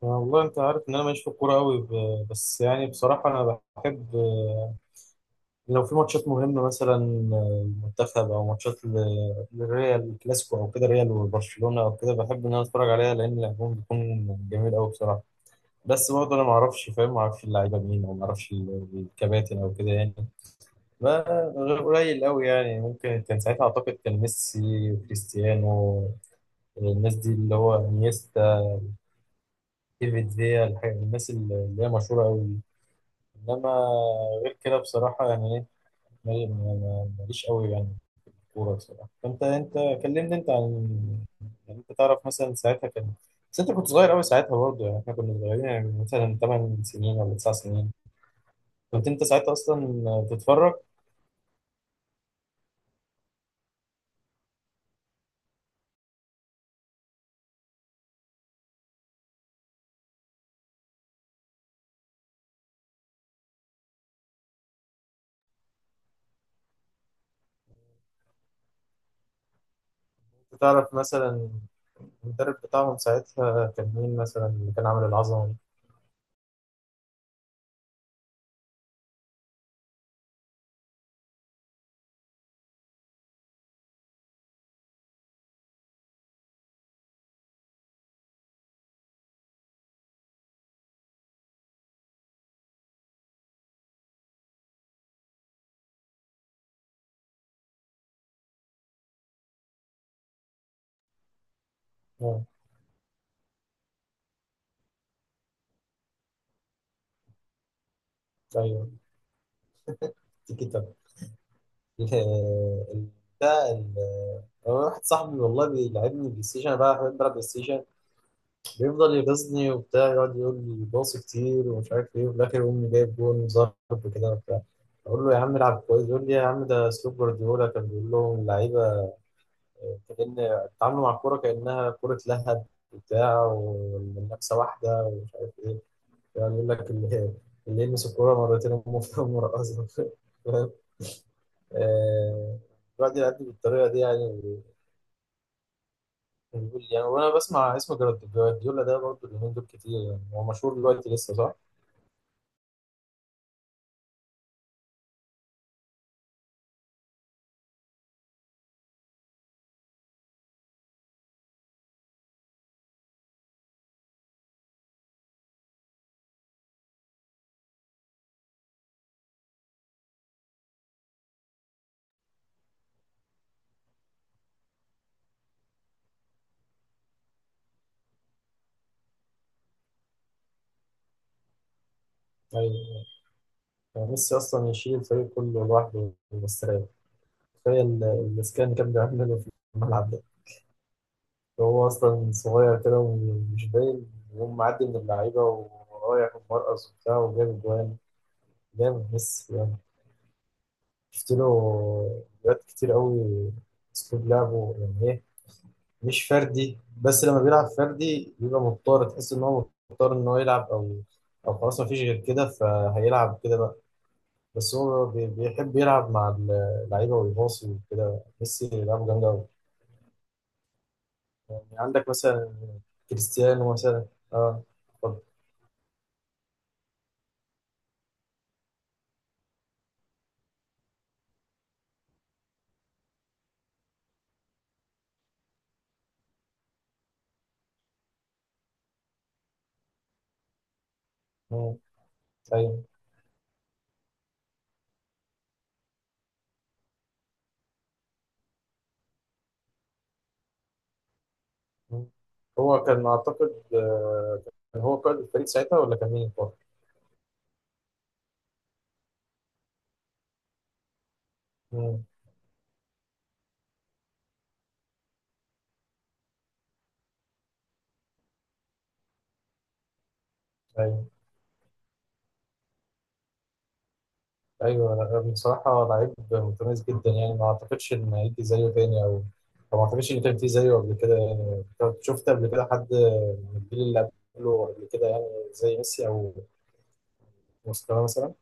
والله انت عارف ان انا ماليش في الكوره قوي، بس يعني بصراحه انا بحب. لو في ماتشات مهمه مثلا المنتخب او ماتشات الريال الكلاسيكو او كده ريال وبرشلونه او كده، بحب ان انا اتفرج عليها لان لعبهم بيكون جميل قوي بصراحه. بس برضه انا ما اعرفش، فاهم، ما اعرفش اللعيبه مين او ما اعرفش الكباتن او كده يعني. غير قليل قوي يعني، ممكن كان ساعتها اعتقد كان ميسي وكريستيانو، الناس دي، اللي هو انيستا، ديفيد فيا، الناس اللي هي مشهوره قوي. انما غير كده بصراحه يعني ايه، ماليش قوي يعني في الكوره بصراحه. فانت، كلمني انت عن، يعني انت تعرف مثلا ساعتها كان، بس انت كنت صغير قوي ساعتها برضه، يعني احنا كنا صغيرين يعني مثلا 8 سنين ولا 9 سنين؟ كنت انت ساعتها اصلا تتفرج؟ كنت تعرف مثلا المدرب بتاعهم ساعتها كان مين مثلا اللي كان عامل العظمه دي؟ اه، ايوه، تيكي تاكا. ال- ال- ده ال- هو واحد صاحبي والله بيلعبني بلاي ستيشن، انا بقى بحب العب بلاي ستيشن. بيفضل يغيظني وبتاع، يقعد يقول لي باص كتير ومش عارف ايه، وفي الاخر يقوم جايب جون وظهر وكده وبتاع. اقول له يا عم العب كويس، يقول لي يا عم ده اسلوب جوارديولا كان بيقول لهم اللعيبه كان تعاملوا مع الكوره كانها كوره لهب وبتاع، والمنافسه واحده ومش عارف ايه. يعني يقول لك اللي اللي يلمس الكوره مرتين امه في مرقصه. فاهم؟ آه، الواحد يعدي بالطريقه دي يعني. بيقول يعني. وانا بسمع اسم جوارديولا ده برضه اليومين دول كتير، يعني هو مشهور دلوقتي لسه صح؟ أيوة. يعني ميسي أصلا يشيل الفريق كله لوحده مستريح. تخيل الإسكان اللي كان بيعمله في الملعب ده، هو أصلا صغير كده ومش باين، وهو معدي من اللعيبة ورايح ومرقص وبتاع وجاب جوان. جامد ميسي يعني. شفت له فيديوهات كتير قوي. أسلوب لعبه يعني إيه، مش فردي، بس لما بيلعب فردي بيبقى مضطر، تحس إن هو مضطر إن هو يلعب، أو أو خلاص مفيش غير كده فهيلعب كده بقى. بس هو بيحب يلعب مع اللعيبه ويباصي وكده. ميسي لعبه جامد قوي يعني. عندك مثلا كريستيانو مثلا. اه، اتفضل. مم. ايوه. مم. هو كان اعتقد كان هو قائد الفريق ساعتها ولا كان مين برضه؟ مم. ايوه، ايوه. لا، بصراحه لعيب متميز جدا يعني، ما اعتقدش ان هيجي زيه تاني، او أو ما اعتقدش ان كان في زيه قبل كده يعني. طب شفت قبل كده حد من الجيل اللي قبله، قبل كده يعني، زي ميسي او مستواه مثلا؟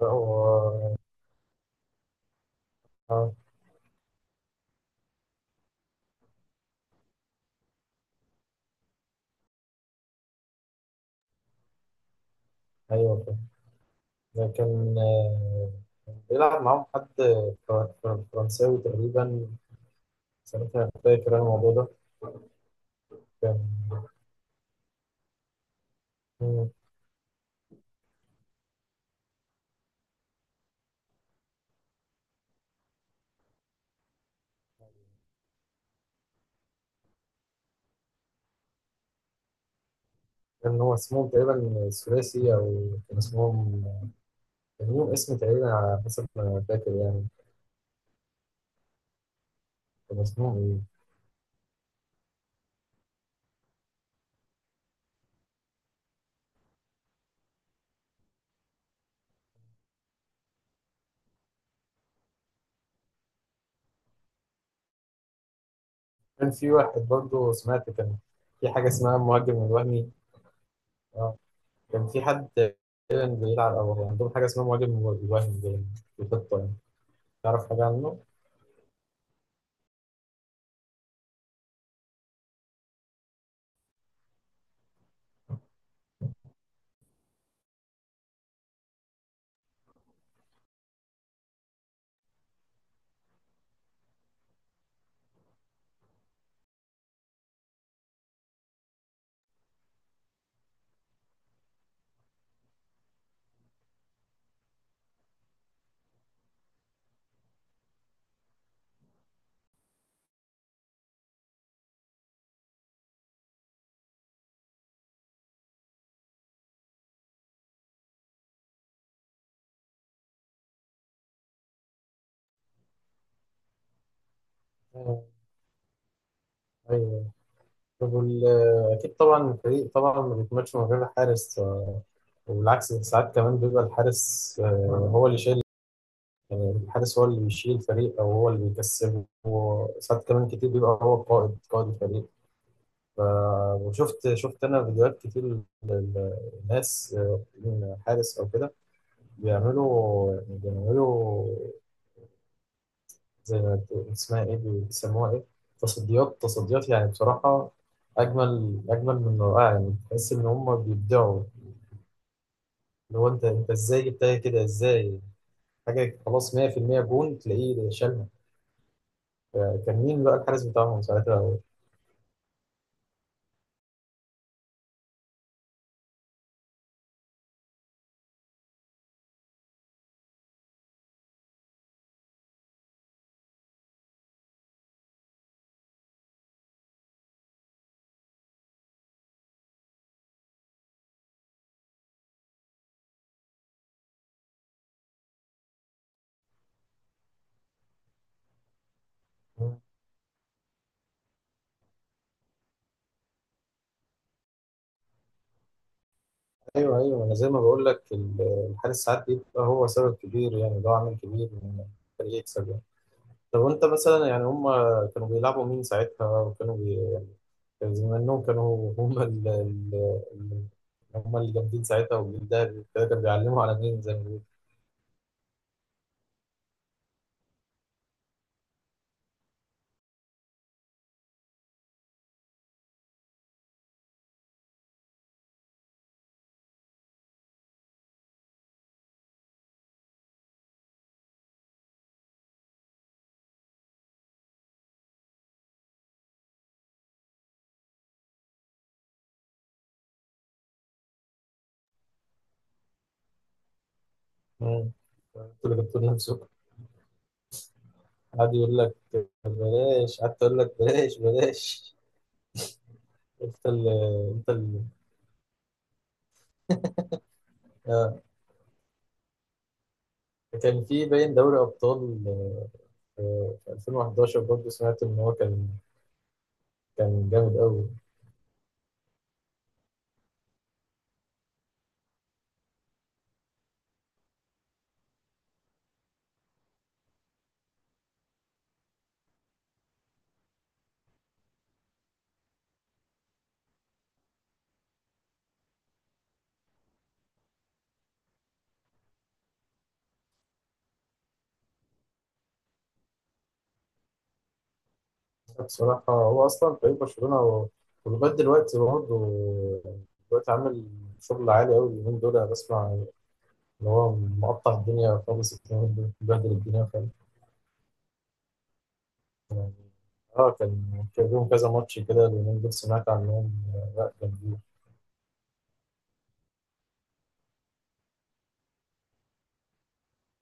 هو آه، أيوه، فاهم. لكن بيلعب معاهم حد فرنساوي تقريبا ساعتها، فاكر أنا الموضوع ده. كان، مم. كان هو اسمهم تقريبا ثلاثي، أو كان اسمهم، كان ليهم اسم تقريبا على حسب ما فاكر يعني. كان اسمهم إيه؟ كان في واحد برضه، سمعت كان في حاجة اسمها المهاجم الوهمي. آه. كان في حد تقريبا بيلعب، أو عندهم حاجة اسمها مهاجم الوهمي باين في الخطة يعني. تعرف حاجة عنه؟ آه. أيوه. وال- أكيد طبعا الفريق طبعا ما بيكملش من غير الحارس. وبالعكس ساعات كمان بيبقى الحارس، هو اللي شايل. يعني الحارس هو اللي بيشيل الفريق أو هو اللي بيكسبه، وساعات كمان كتير بيبقى هو قائد قائد الفريق. ف- وشفت، أنا فيديوهات كتير للناس، حارس أو كده، بيعملوا يعني بيعملوا زي ما اسمها إيه، بيسموها إيه، تصديات. تصديات يعني بصراحة أجمل، أجمل من رائع يعني، تحس إن هم بيبدعوا. اللي هو انت، ازاي جبتها كده ازاي. حاجه خلاص، 100% جون تلاقيه شالها. كان مين بقى الحارس بتاعهم ساعتها؟ ايوه، ايوه، انا زي ما بقول لك، الحارس ساعات بيبقى هو سبب كبير يعني، اللي هو عامل كبير ان الفريق يكسب يعني. طب وانت مثلا يعني هم كانوا بيلعبوا مين ساعتها، وكانوا يعني كان زي ما انهم كانوا هم ال... هم اللي جامدين ساعتها، والجيل ده كانوا بيعلموا على مين زي ما بيقولوا؟ مم. انتوا اللي جبتوا لنا. قعد يقول لك بلاش، قعدت اقول لك بلاش بلاش. انت ال انت ال آه. كان في باين دوري ابطال في 2011، برضه سمعت ان هو كان كان جامد قوي. بصراحه هو اصلا فريق برشلونه هو، ولغايه دلوقتي برضه دلوقتي عامل شغل عالي قوي اليومين دول. انا بسمع ان هو مقطع الدنيا خالص اليومين دول، بهدل الدنيا خالص يعني. اه كان، كان لهم كذا ماتش كده اليومين دول سمعت عنهم. لا،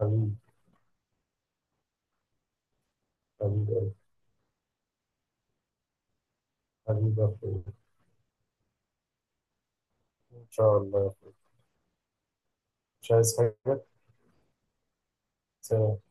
جامدين. حبيبي. حبيبي يا أخوي. إن شاء الله يا أخوي. مش عايز حاجة. سلام.